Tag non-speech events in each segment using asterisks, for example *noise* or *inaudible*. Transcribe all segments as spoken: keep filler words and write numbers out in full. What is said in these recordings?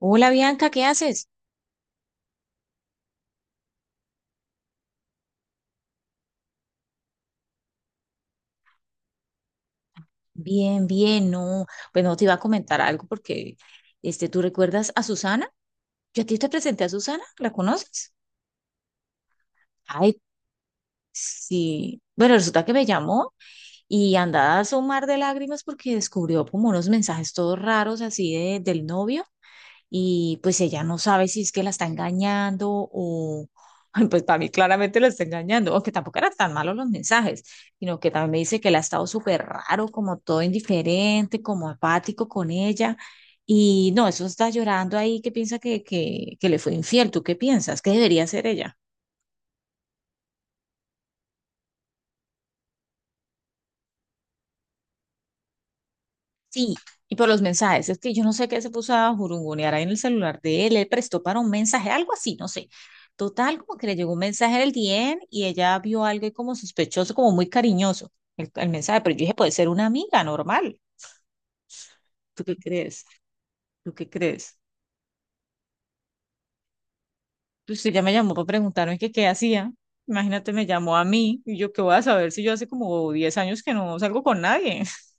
Hola Bianca, ¿qué haces? Bien, bien, no, pues no te iba a comentar algo porque, este, ¿tú recuerdas a Susana? Yo a ti te presenté a Susana, ¿la conoces? Ay, sí. Bueno, resulta que me llamó y andaba a un mar de lágrimas porque descubrió como unos mensajes todos raros así de- del novio. Y pues ella no sabe si es que la está engañando o *laughs* pues para mí claramente la está engañando, aunque tampoco eran tan malos los mensajes, sino que también me dice que él ha estado súper raro, como todo indiferente, como apático con ella. Y no, eso está llorando ahí que piensa que, que, que le fue infiel. ¿Tú qué piensas? ¿Qué debería hacer ella? Sí, y por los mensajes. Es que yo no sé qué se puso a jurungonear ahí en el celular de él. Él prestó para un mensaje, algo así, no sé. Total, como que le llegó un mensaje del D M y ella vio algo ahí como sospechoso, como muy cariñoso el, el mensaje. Pero yo dije, puede ser una amiga normal. ¿Tú qué crees? ¿Tú qué crees? Pues usted ya me llamó para preguntarme que qué hacía. Imagínate, me llamó a mí y yo qué voy a saber si yo hace como diez años que no salgo con nadie. *laughs*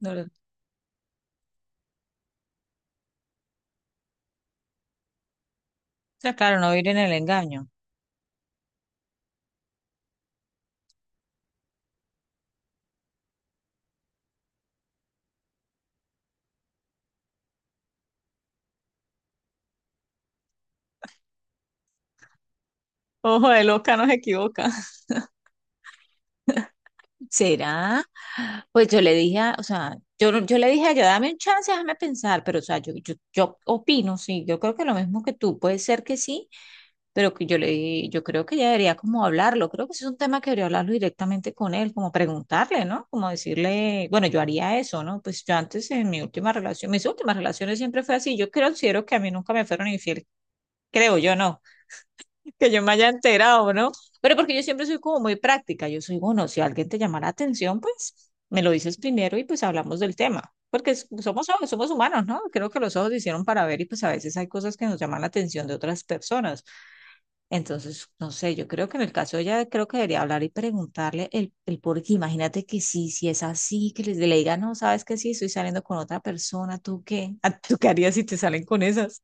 No, o sea, claro, no vivir en el engaño. Ojo de loca, no se equivoca. ¿Será? Pues yo le dije, a- o sea, yo, no- yo le dije a ella, dame un chance, déjame pensar, pero o sea, yo, yo, yo opino, sí, yo creo que lo mismo que tú, puede ser que sí, pero que yo le, di- yo creo que ella debería como hablarlo, creo que ese es un tema que debería hablarlo directamente con él, como preguntarle, ¿no? Como decirle, bueno, yo haría eso, ¿no? Pues yo antes en mi última relación, mis últimas relaciones siempre fue así, yo considero que a mí nunca me fueron infiel, creo yo, ¿no? Que yo me haya enterado, ¿no? Pero porque yo siempre soy como muy práctica, yo soy, bueno, si alguien te llama la atención, pues me lo dices primero y pues hablamos del tema, porque es- somos, somos humanos, ¿no? Creo que los ojos se hicieron para ver y pues a veces hay cosas que nos llaman la atención de otras personas. Entonces, no sé, yo creo que en el caso de ella, creo que debería hablar y preguntarle el, el por qué. Imagínate que sí, si es así, que les le diga, no, sabes que sí, estoy saliendo con otra persona, ¿tú qué? *laughs* ¿Tú qué harías si te salen con esas?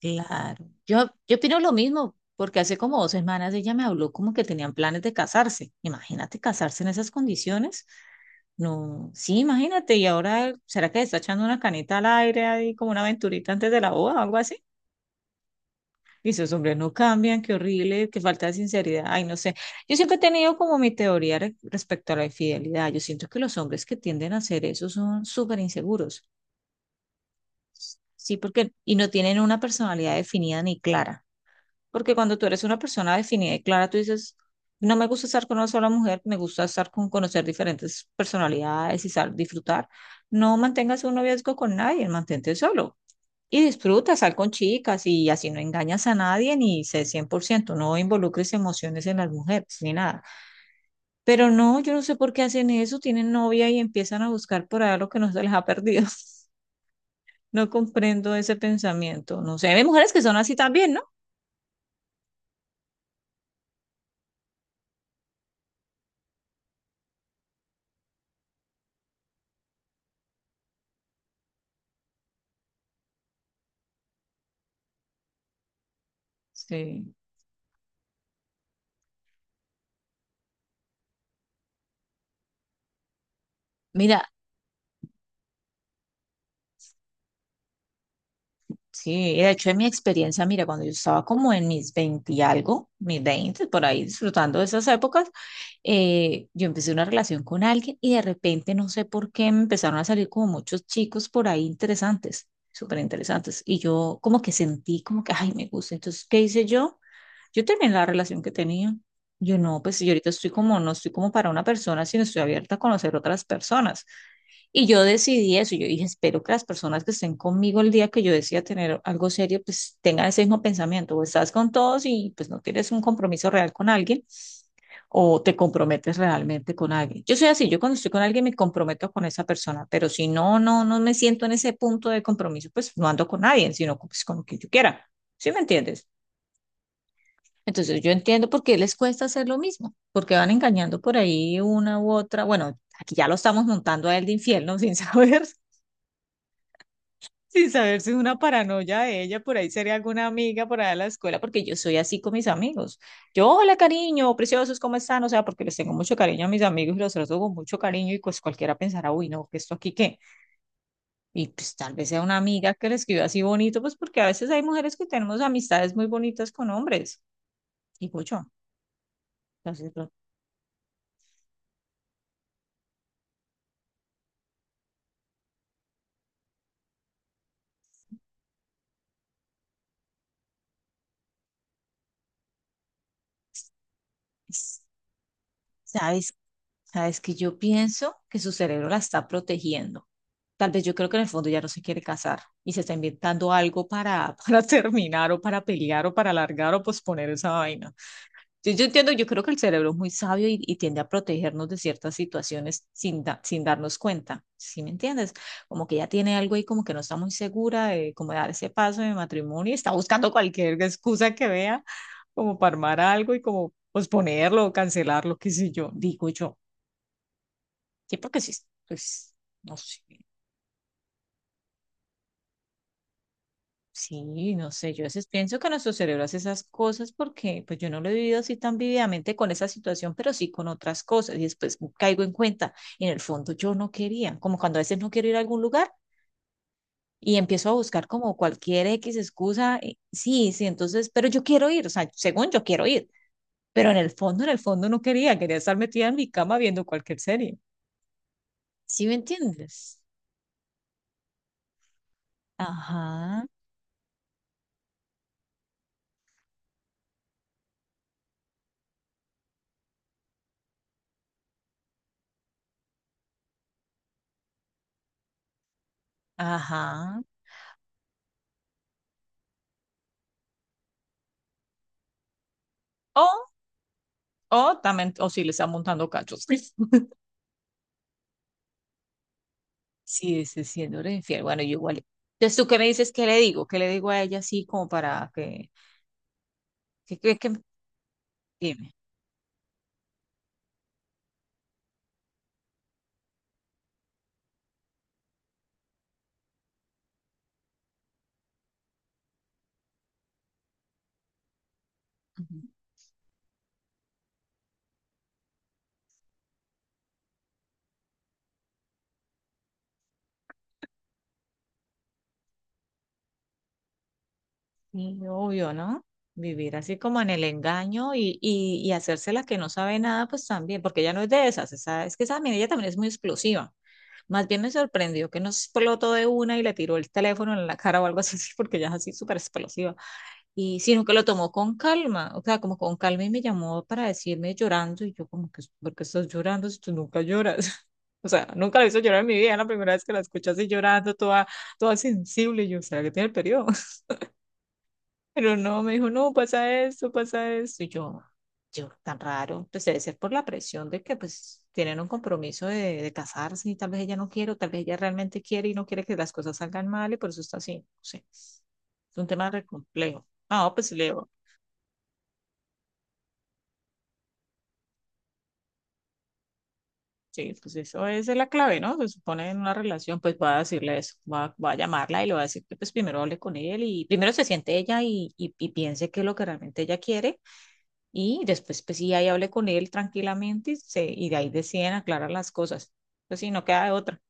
Claro. Yo, yo opino lo mismo, porque hace como dos semanas ella me habló como que tenían planes de casarse. Imagínate casarse en esas condiciones. No, sí, imagínate. Y ahora, ¿será que le está echando una canita al aire ahí como una aventurita antes de la boda o algo así? Y esos hombres no cambian, qué horrible, qué falta de sinceridad. Ay, no sé. Yo siempre he tenido como mi teoría re- respecto a la infidelidad. Yo siento que los hombres que tienden a hacer eso son súper inseguros. Sí, porque, y no tienen una personalidad definida ni clara. Porque cuando tú eres una persona definida y clara, tú dices, no me gusta estar con una sola mujer, me gusta estar con conocer diferentes personalidades y sal- disfrutar. No mantengas un noviazgo con nadie, mantente solo. Y disfruta, sal con chicas y así no engañas a nadie ni sé cien por ciento no involucres emociones en las mujeres ni nada. Pero no, yo no sé por qué hacen eso, tienen novia y empiezan a buscar por allá lo que no se les ha perdido. *laughs* No comprendo ese pensamiento, no sé, hay mujeres que son así también, ¿no? Sí. Mira, sí, de hecho, en mi experiencia, mira, cuando yo estaba como en mis veinte y algo, mis veinte por ahí disfrutando de esas épocas, eh, yo empecé una relación con alguien y de repente, no sé por qué, me empezaron a salir como muchos chicos por ahí interesantes, súper interesantes. Y yo como que sentí como que, ay, me gusta. Entonces, ¿qué hice yo? Yo terminé la relación que tenía. Yo no, pues yo ahorita estoy como, no estoy como para una persona, sino estoy abierta a conocer otras personas. Y yo decidí eso, yo dije, espero que las personas que estén conmigo el día que yo decida tener algo serio, pues tengan ese mismo pensamiento, o estás con todos y pues no tienes un compromiso real con alguien, o te comprometes realmente con alguien. Yo soy así, yo cuando estoy con alguien me comprometo con esa persona, pero si no, no, no me siento en ese punto de compromiso, pues no ando con nadie, sino pues, con quien yo quiera. ¿Sí me entiendes? Entonces yo entiendo por qué les cuesta hacer lo mismo, porque van engañando por ahí una u otra. Bueno, aquí ya lo estamos montando a él de infiel, ¿no? *laughs* Sin saber. Sin saber si es una paranoia de ella, por ahí sería alguna amiga por allá de la escuela, porque yo soy así con mis amigos. Yo, hola cariño, preciosos, ¿cómo están? O sea, porque les tengo mucho cariño a mis amigos y los trato con mucho cariño y pues cualquiera pensará, uy, no, ¿qué esto aquí qué? Y pues tal vez sea una amiga que le escriba así bonito, pues porque a veces hay mujeres que tenemos amistades muy bonitas con hombres, digo yo. Entonces, pero, pues, ¿sabes? Sabes que yo pienso que su cerebro la está protegiendo. Tal vez yo creo que en el fondo ya no se quiere casar y se está inventando algo para, *laughs* para terminar o para pelear o para alargar o posponer esa vaina. Yo, yo entiendo, yo creo que el cerebro es muy sabio y, y tiende a protegernos de ciertas situaciones sin, da- sin darnos cuenta. ¿Sí me entiendes? Como que ya tiene algo ahí como que no está muy segura de cómo dar ese paso de matrimonio y está buscando cualquier excusa que vea como para armar algo y como posponerlo o cancelarlo, qué sé yo, digo yo. Sí, porque sí, pues, no sé, sí, no sé, yo a veces pienso que nuestro cerebro hace esas cosas porque pues yo no lo he vivido así tan vividamente con esa situación, pero sí con otras cosas y después caigo en cuenta, en el fondo yo no quería, como cuando a veces no quiero ir a algún lugar y empiezo a buscar como cualquier X excusa, eh, sí, sí, entonces, pero yo quiero ir, o sea, según yo quiero ir, pero en el fondo, en el fondo no quería, quería estar metida en mi cama viendo cualquier serie, ¿sí me entiendes? Ajá, ajá. O también, o si le está montando cachos. *laughs* Sí, se siéndole infiel. Bueno, yo igual. Entonces, ¿tú qué me dices? ¿Qué le digo? ¿Qué le digo a ella así como para que, que, que, que- dime? Ujú. Sí, obvio, ¿no? Vivir así como en el engaño y, y, y hacerse la que no sabe nada, pues también, porque ella no es de esas, esa- es que esa mira, ella también es muy explosiva. Más bien me sorprendió que no explotó de una y le tiró el teléfono en la cara o algo así, *laughs* porque ella es así súper explosiva. Y sino que lo tomó con calma, o sea, como con calma y me llamó para decirme llorando y yo como que, ¿por qué estás llorando si tú nunca lloras? *laughs* O sea, nunca la hizo llorar en mi vida, la primera vez que la escuché así llorando, toda, toda sensible, y yo, ¿será que tiene el periodo? *laughs* Pero no, me dijo, no, pasa esto, pasa esto, y yo, yo, tan raro, pues debe ser por la presión de que pues tienen un compromiso de, de casarse y tal vez ella no quiere, o tal vez ella realmente quiere y no quiere que las cosas salgan mal y por eso está así, no sé, es un tema re complejo. Ah, pues Leo. Sí, pues eso es la clave, ¿no? Se supone en una relación, pues va a decirle eso, va, va a llamarla y le va a decir que pues primero hable con él y primero se siente ella y, y, y piense que es lo que realmente ella quiere y después pues sí, ahí hable con él tranquilamente y, se, y de ahí deciden aclarar las cosas. Pues sí, no queda de otra.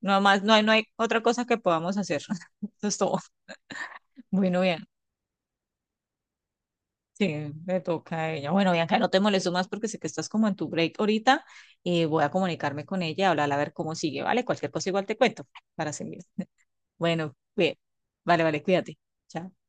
No más, no hay, no hay otra cosa que podamos hacer. *laughs* Eso es todo. Bueno, bien. Sí, le toca a ella. Bueno, Bianca, no te molesto más porque sé que estás como en tu break ahorita. Y voy a comunicarme con ella, hablar a ver cómo sigue, ¿vale? Cualquier cosa igual te cuento para seguir. *laughs* Bueno, bien. Vale, vale, cuídate. Chao.